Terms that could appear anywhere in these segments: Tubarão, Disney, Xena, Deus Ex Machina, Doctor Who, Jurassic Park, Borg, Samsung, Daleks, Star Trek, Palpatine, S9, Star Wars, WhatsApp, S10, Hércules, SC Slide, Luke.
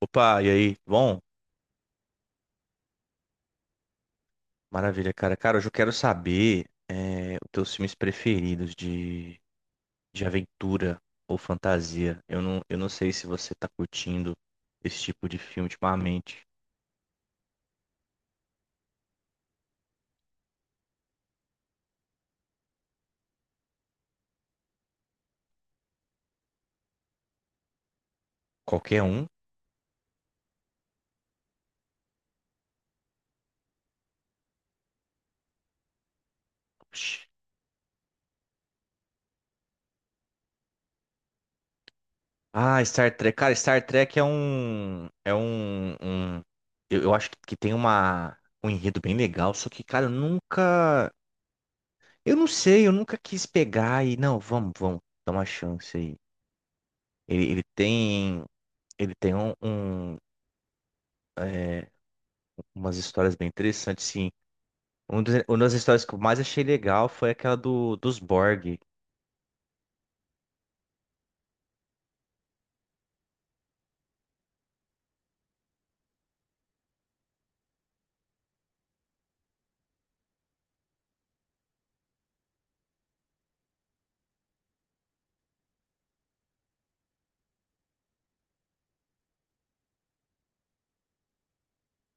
Opa, e aí? Bom, maravilha, cara. Cara, hoje eu quero saber os teus filmes preferidos de aventura ou fantasia. Eu não sei se você tá curtindo esse tipo de filme ultimamente. Qualquer um? Oxi. Ah, Star Trek. Cara, Star Trek é um, eu acho que tem uma, um enredo bem legal, só que, cara, eu nunca. Eu não sei, eu nunca quis pegar e. Não, vamos, dá uma chance aí. Ele tem. Ele tem um, umas histórias bem interessantes, sim. Uma das histórias que eu mais achei legal foi aquela dos Borg.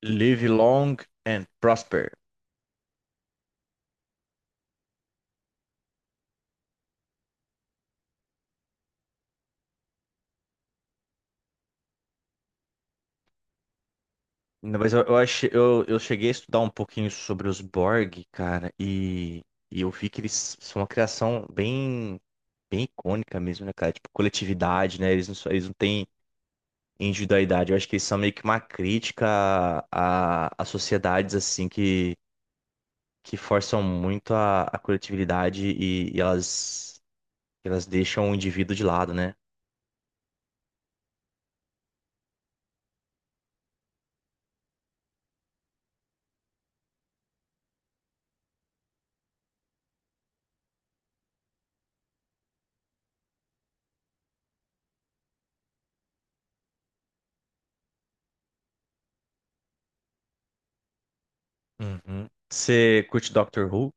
Live long and prosper. Não, mas eu cheguei a estudar um pouquinho sobre os Borg, cara, e eu vi que eles são uma criação bem icônica mesmo, né, cara? Tipo, coletividade, né? Eles não têm individualidade. Eu acho que eles são meio que uma crítica a sociedades, assim, que forçam muito a coletividade e elas deixam o indivíduo de lado, né? Uhum. Você curte Doctor Who?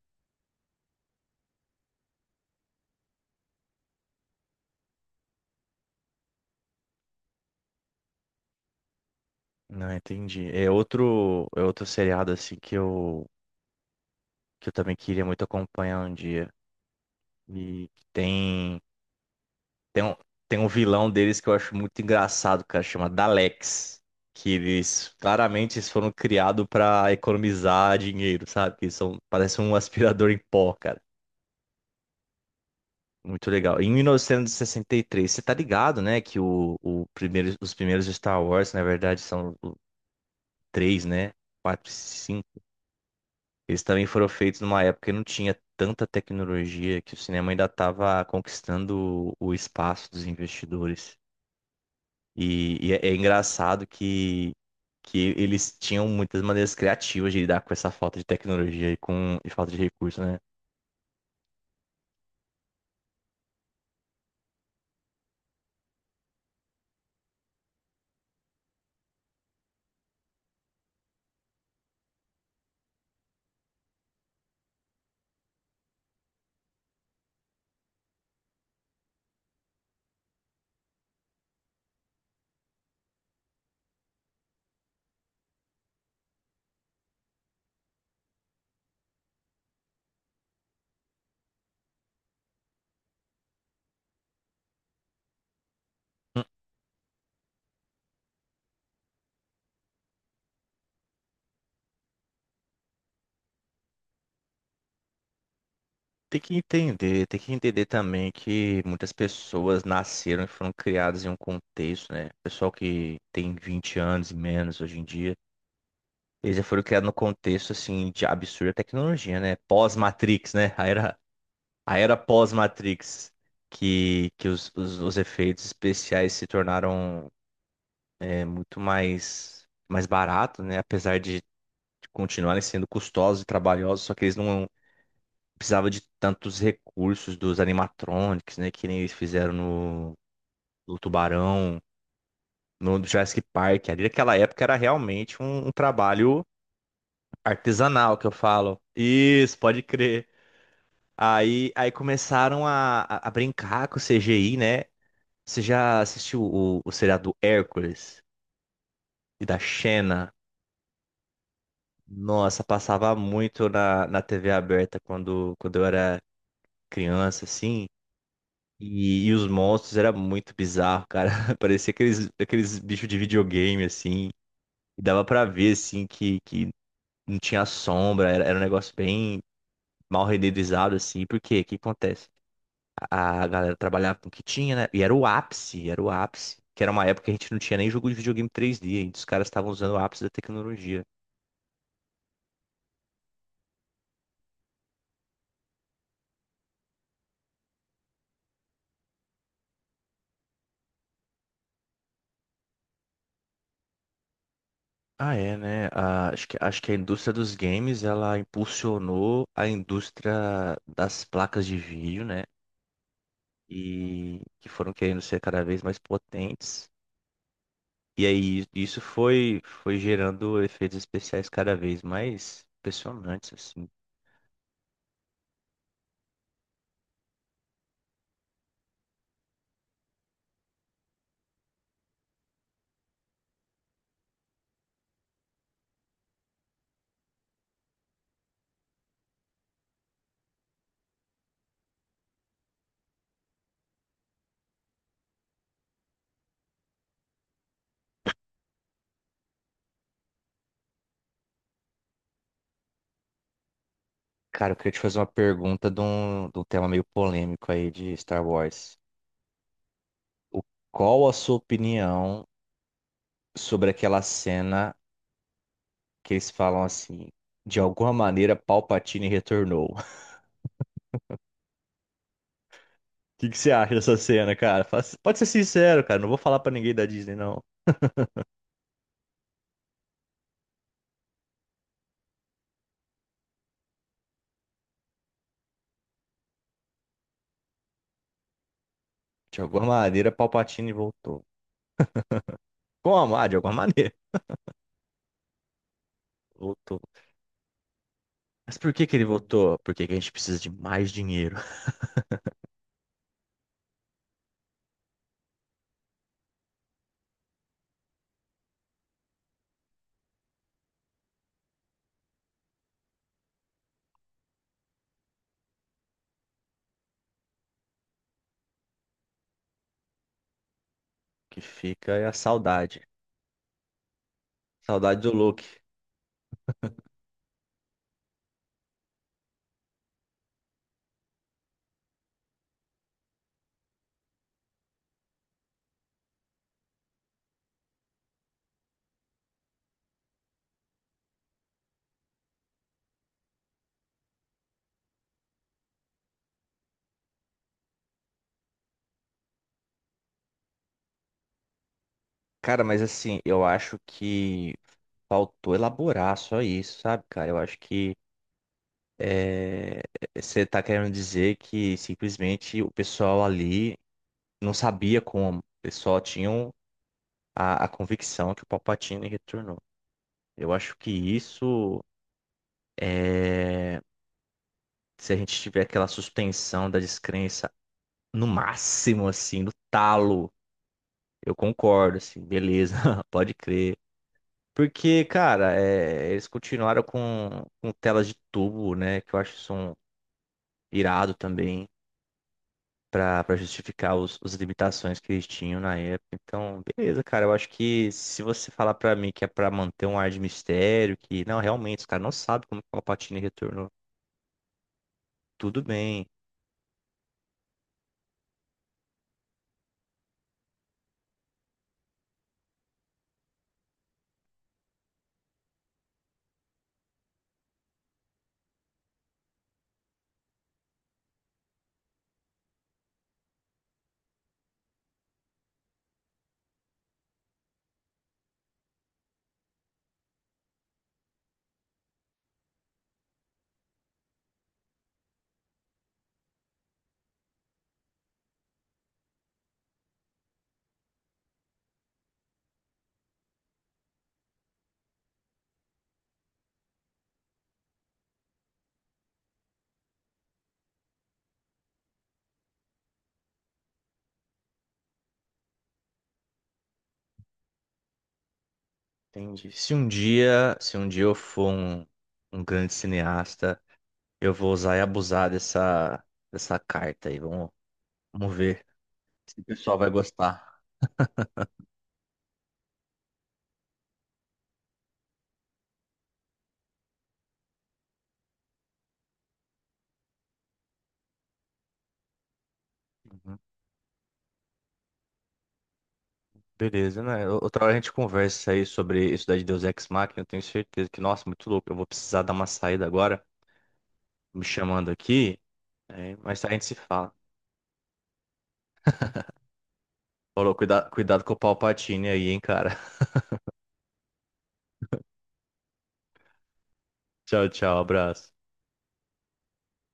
Não, entendi. É outro seriado assim que que eu também queria muito acompanhar um dia. E tem, tem um, tem um vilão deles que eu acho muito engraçado, cara, chama Daleks. Que eles claramente eles foram criados pra economizar dinheiro, sabe? Que eles são, parecem um aspirador em pó. Muito legal. Em 1963, você tá ligado, né? Que o primeiro, os primeiros Star Wars, na verdade, são três, né? Quatro e cinco. Eles também foram feitos numa época que não tinha tanta tecnologia, que o cinema ainda estava conquistando o espaço dos investidores. É engraçado que eles tinham muitas maneiras criativas de lidar com essa falta de tecnologia e com e falta de recurso, né? Tem que entender também que muitas pessoas nasceram e foram criadas em um contexto, né? Pessoal que tem 20 anos e menos hoje em dia, eles já foram criados no contexto, assim, de absurda tecnologia, né? Pós-Matrix, né? A era pós-Matrix, que os efeitos especiais se tornaram muito mais baratos, né? Apesar de continuarem sendo custosos e trabalhosos, só que eles não precisava de tantos recursos dos animatronics, né? Que nem eles fizeram no Tubarão, no Jurassic Park. Ali naquela época era realmente um trabalho artesanal que eu falo. Isso, pode crer. Aí começaram a brincar com o CGI, né? Você já assistiu o seriado do Hércules e da Xena? Nossa, passava muito na TV aberta quando eu era criança, assim. E os monstros era muito bizarro, cara. Parecia aqueles bichos de videogame, assim. E dava pra ver, assim, que não tinha sombra. Era um negócio bem mal renderizado, assim. Por quê? O que acontece? A galera trabalhava com o que tinha, né? E era o ápice, era o ápice. Que era uma época que a gente não tinha nem jogo de videogame 3D. E os caras estavam usando o ápice da tecnologia. Ah, é, né? Ah, acho que a indústria dos games, ela impulsionou a indústria das placas de vídeo, né? E que foram querendo ser cada vez mais potentes. E aí isso foi gerando efeitos especiais cada vez mais impressionantes, assim. Cara, eu queria te fazer uma pergunta de de um tema meio polêmico aí de Star Wars. O, qual a sua opinião sobre aquela cena que eles falam assim, de alguma maneira Palpatine retornou? O que que você acha dessa cena, cara? Fala- pode ser sincero, cara, não vou falar pra ninguém da Disney, não. De alguma maneira Palpatine voltou. Como? Ah, de alguma maneira. Voltou. Mas por que que ele voltou? Porque que a gente precisa de mais dinheiro. O que fica é a saudade. Saudade do Luke. Cara, mas assim, eu acho que faltou elaborar só isso, sabe, cara? Eu acho que é, você tá querendo dizer que simplesmente o pessoal ali não sabia como. Eles só tinham a convicção que o Palpatine retornou. Eu acho que isso é. Se a gente tiver aquela suspensão da descrença no máximo, assim, no talo. Eu concordo, assim, beleza, pode crer. Porque, cara, é, eles continuaram com telas de tubo, né? Que eu acho que são irado também pra justificar os, as limitações que eles tinham na época. Então, beleza, cara. Eu acho que se você falar pra mim que é pra manter um ar de mistério, que não, realmente, os caras não sabem como que o Palpatine retornou, tudo bem. Entendi. Se um dia, se um dia eu for um grande cineasta. Eu vou usar e abusar dessa carta aí. Vamos, vamos ver se o pessoal vai gostar. Uhum. Beleza, né? O- outra hora a gente conversa aí sobre isso daí de Deus Ex Machina. Eu tenho certeza que, nossa, muito louco. Eu vou precisar dar uma saída agora, me chamando aqui. É, mas a gente se fala. Falou, cuida, cuidado com o Palpatine aí, hein, cara. Tchau, tchau, abraço.